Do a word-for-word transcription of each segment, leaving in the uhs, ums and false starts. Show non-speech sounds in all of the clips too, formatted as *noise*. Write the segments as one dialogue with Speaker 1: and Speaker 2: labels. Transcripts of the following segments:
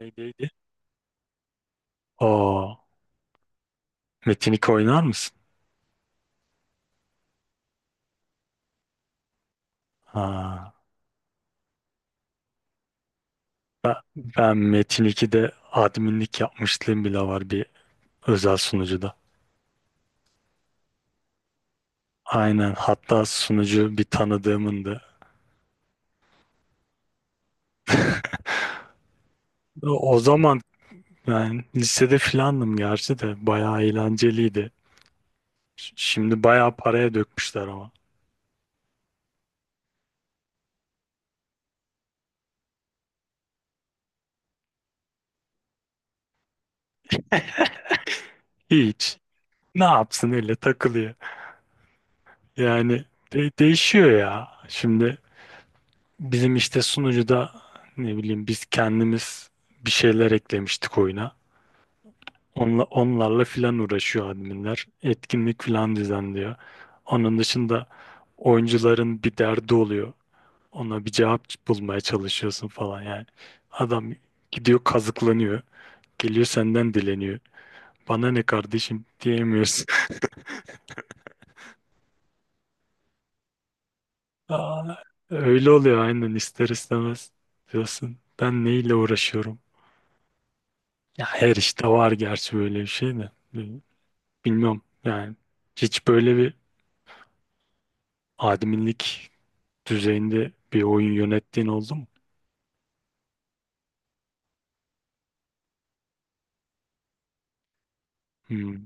Speaker 1: Neydi? neydi? Oo, Metin iki oynar mısın? Ha, ben, ben Metin ikide adminlik yapmışlığım bile var, bir özel sunucuda. Aynen, hatta sunucu bir tanıdığımındı. O o zaman ben lisede filandım gerçi, de bayağı eğlenceliydi. Ş- Şimdi bayağı paraya dökmüşler ama. Hiç. Ne yapsın, öyle takılıyor. Yani de- değişiyor ya. Şimdi bizim işte sunucuda, ne bileyim, biz kendimiz bir şeyler eklemiştik oyuna. Onla, onlarla filan uğraşıyor adminler. Etkinlik filan düzenliyor. Onun dışında oyuncuların bir derdi oluyor. Ona bir cevap bulmaya çalışıyorsun falan yani. Adam gidiyor, kazıklanıyor. Geliyor senden dileniyor. Bana ne kardeşim diyemiyorsun. *laughs* Aa, öyle oluyor aynen, ister istemez diyorsun. Ben neyle uğraşıyorum? Ya her işte var gerçi böyle bir şey de. Bilmiyorum yani. Hiç böyle bir adminlik düzeyinde bir oyun yönettiğin oldu mu? Hmm,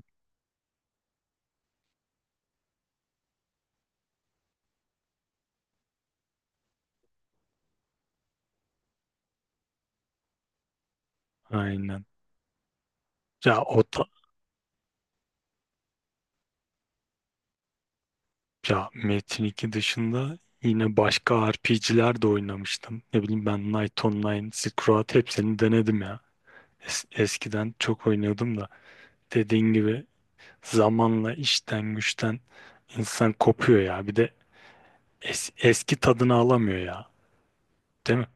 Speaker 1: aynen. Ya o da, ya Metin iki dışında yine başka R P G'ler de oynamıştım. Ne bileyim, ben Knight Online, Silk Road, hepsini denedim ya. Es- eskiden çok oynuyordum da, dediğin gibi zamanla işten güçten insan kopuyor ya. Bir de es- eski tadını alamıyor ya. Değil mi?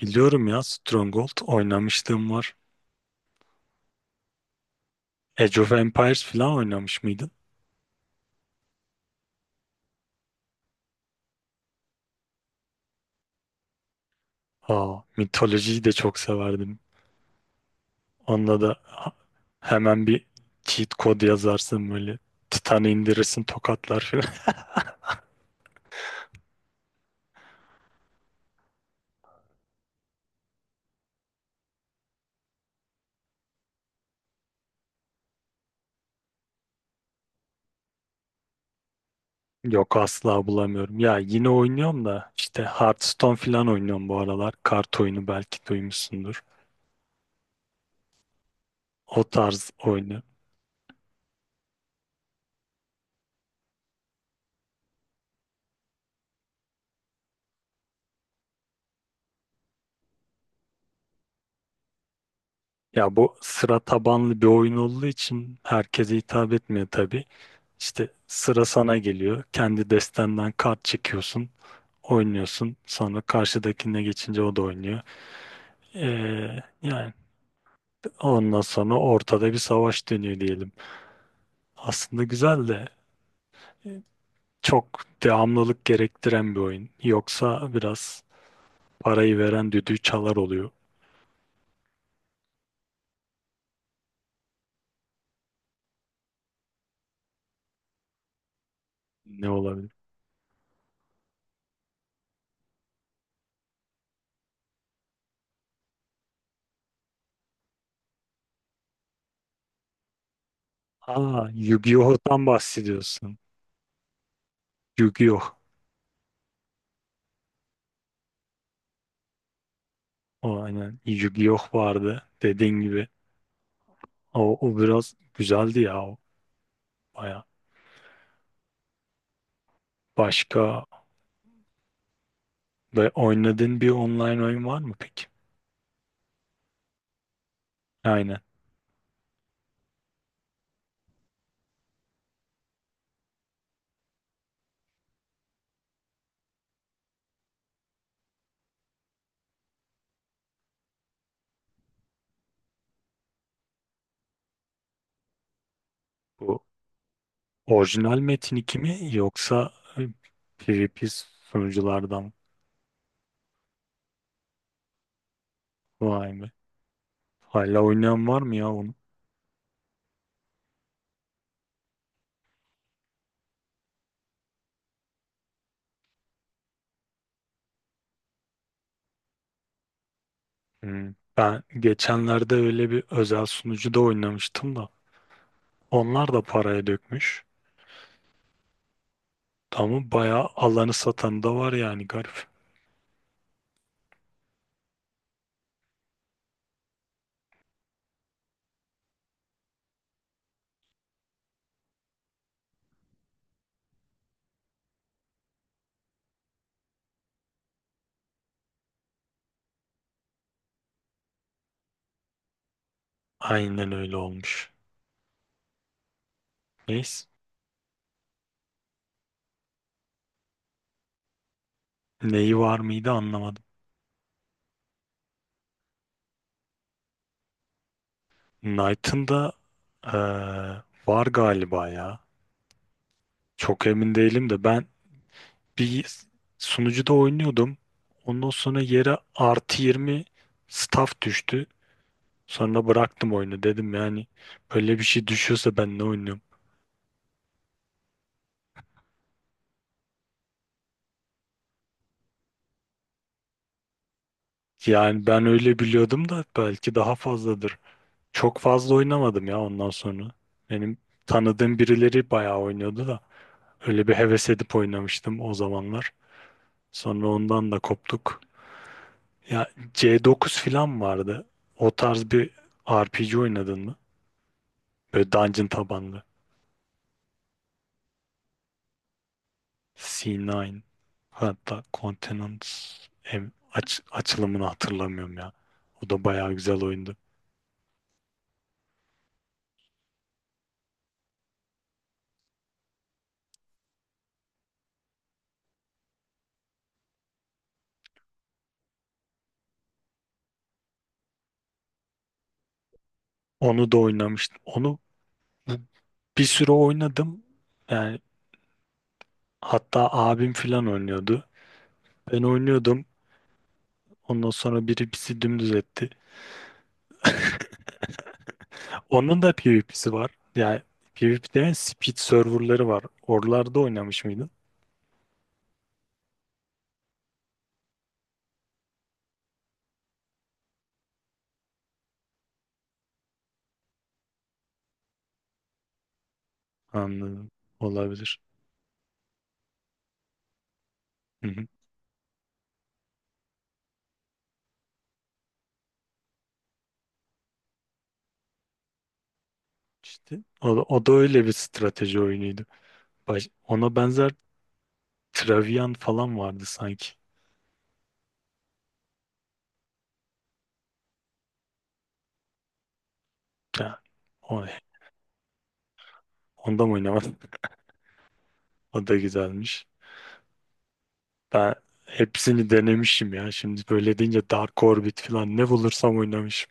Speaker 1: Biliyorum ya, Stronghold oynamışlığım var. Age of Empires falan oynamış mıydın? Aa, mitolojiyi de çok severdim. Onda da hemen bir cheat kod yazarsın böyle. Titan'ı indirirsin, tokatlar falan. *laughs* Yok, asla bulamıyorum. Ya yine oynuyorum da, işte Hearthstone falan oynuyorum bu aralar. Kart oyunu, belki duymuşsundur. O tarz oyunu. Ya bu sıra tabanlı bir oyun olduğu için herkese hitap etmiyor tabii. İşte sıra sana geliyor. Kendi destenden kart çekiyorsun, oynuyorsun. Sonra karşıdakine geçince o da oynuyor. Ee, yani ondan sonra ortada bir savaş dönüyor diyelim. Aslında güzel de e, çok devamlılık gerektiren bir oyun. Yoksa biraz parayı veren düdüğü çalar oluyor. Ne olabilir? Aa, Yu-Gi-Oh'tan bahsediyorsun. Yu-Gi-Oh. O aynen, Yu-Gi-Oh vardı dediğin gibi. O, o biraz güzeldi ya, o baya. Başka ve oynadığın bir online oyun var mı peki? Aynen. Bu orijinal Metin iki mi, yoksa e, PvP sunuculardan? Vay be. Hala oynayan var mı ya onu? Hmm. Ben geçenlerde öyle bir özel sunucuda oynamıştım da. Onlar da paraya dökmüş. Tamam, bayağı alanı satan da var yani, garip. Aynen, öyle olmuş. Neyse. Neyi var mıydı, anlamadım. Knight'ın da eee, var galiba ya. Çok emin değilim de, ben bir sunucuda oynuyordum. Ondan sonra yere artı yirmi staff düştü. Sonra bıraktım oyunu, dedim yani böyle bir şey düşüyorsa ben ne oynuyorum? Yani ben öyle biliyordum da, belki daha fazladır. Çok fazla oynamadım ya ondan sonra. Benim tanıdığım birileri bayağı oynuyordu da, öyle bir heves edip oynamıştım o zamanlar. Sonra ondan da koptuk. Ya C dokuz falan vardı. O tarz bir R P G oynadın mı? Böyle dungeon tabanlı. C dokuz, hatta Continent, em- aç- açılımını hatırlamıyorum ya. O da bayağı güzel oyundu. Onu da oynamıştım. Onu bu- bir süre oynadım. Yani hatta abim falan oynuyordu. Ben oynuyordum. Ondan sonra biri bizi dümdüz etti. *laughs* Onun da PvP'si var. Yani PvP demeyen speed serverları var. Oralarda oynamış mıydın? Anladım. Olabilir. Hı hı. İşte o, da- o da öyle bir strateji oyunuydu. Baş- ona benzer Travian falan vardı sanki. Ya, o, onda mı oynamadım? *laughs* O da güzelmiş. Ben hepsini denemişim ya. Şimdi böyle deyince Dark Orbit falan, ne bulursam oynamışım.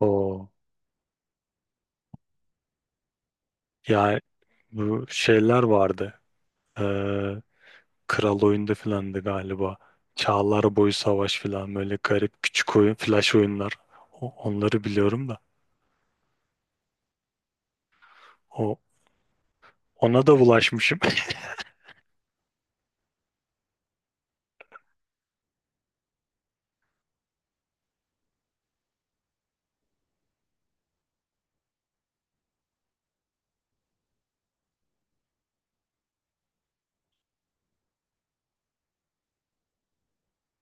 Speaker 1: O yani, bu şeyler vardı. Ee, Kral oyunda filandı galiba. Çağlar boyu savaş filan, böyle garip küçük oyun, flash oyunlar. O- onları biliyorum da. O ona da bulaşmışım.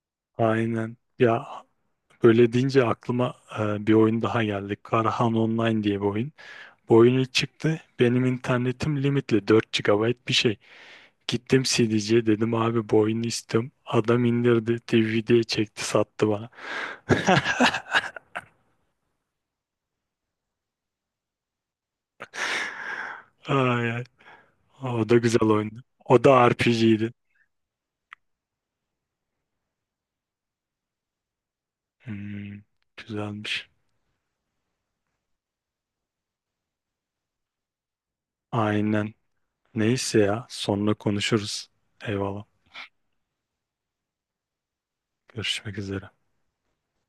Speaker 1: *laughs* Aynen. Ya öyle deyince aklıma e, bir oyun daha geldi. Karahan Online diye bir oyun. Bu oyun ilk çıktı. Benim internetim limitli, dört gigabayt bir şey. Gittim C D'ciye, dedim abi bu oyunu istiyorum. Adam indirdi, D V D'ye çekti, sattı bana. *laughs* Ay, ay. O da güzel oyundu. O da R P G'ydi. Hmm, güzelmiş. Aynen. Neyse, ya sonra konuşuruz. Eyvallah. Görüşmek üzere.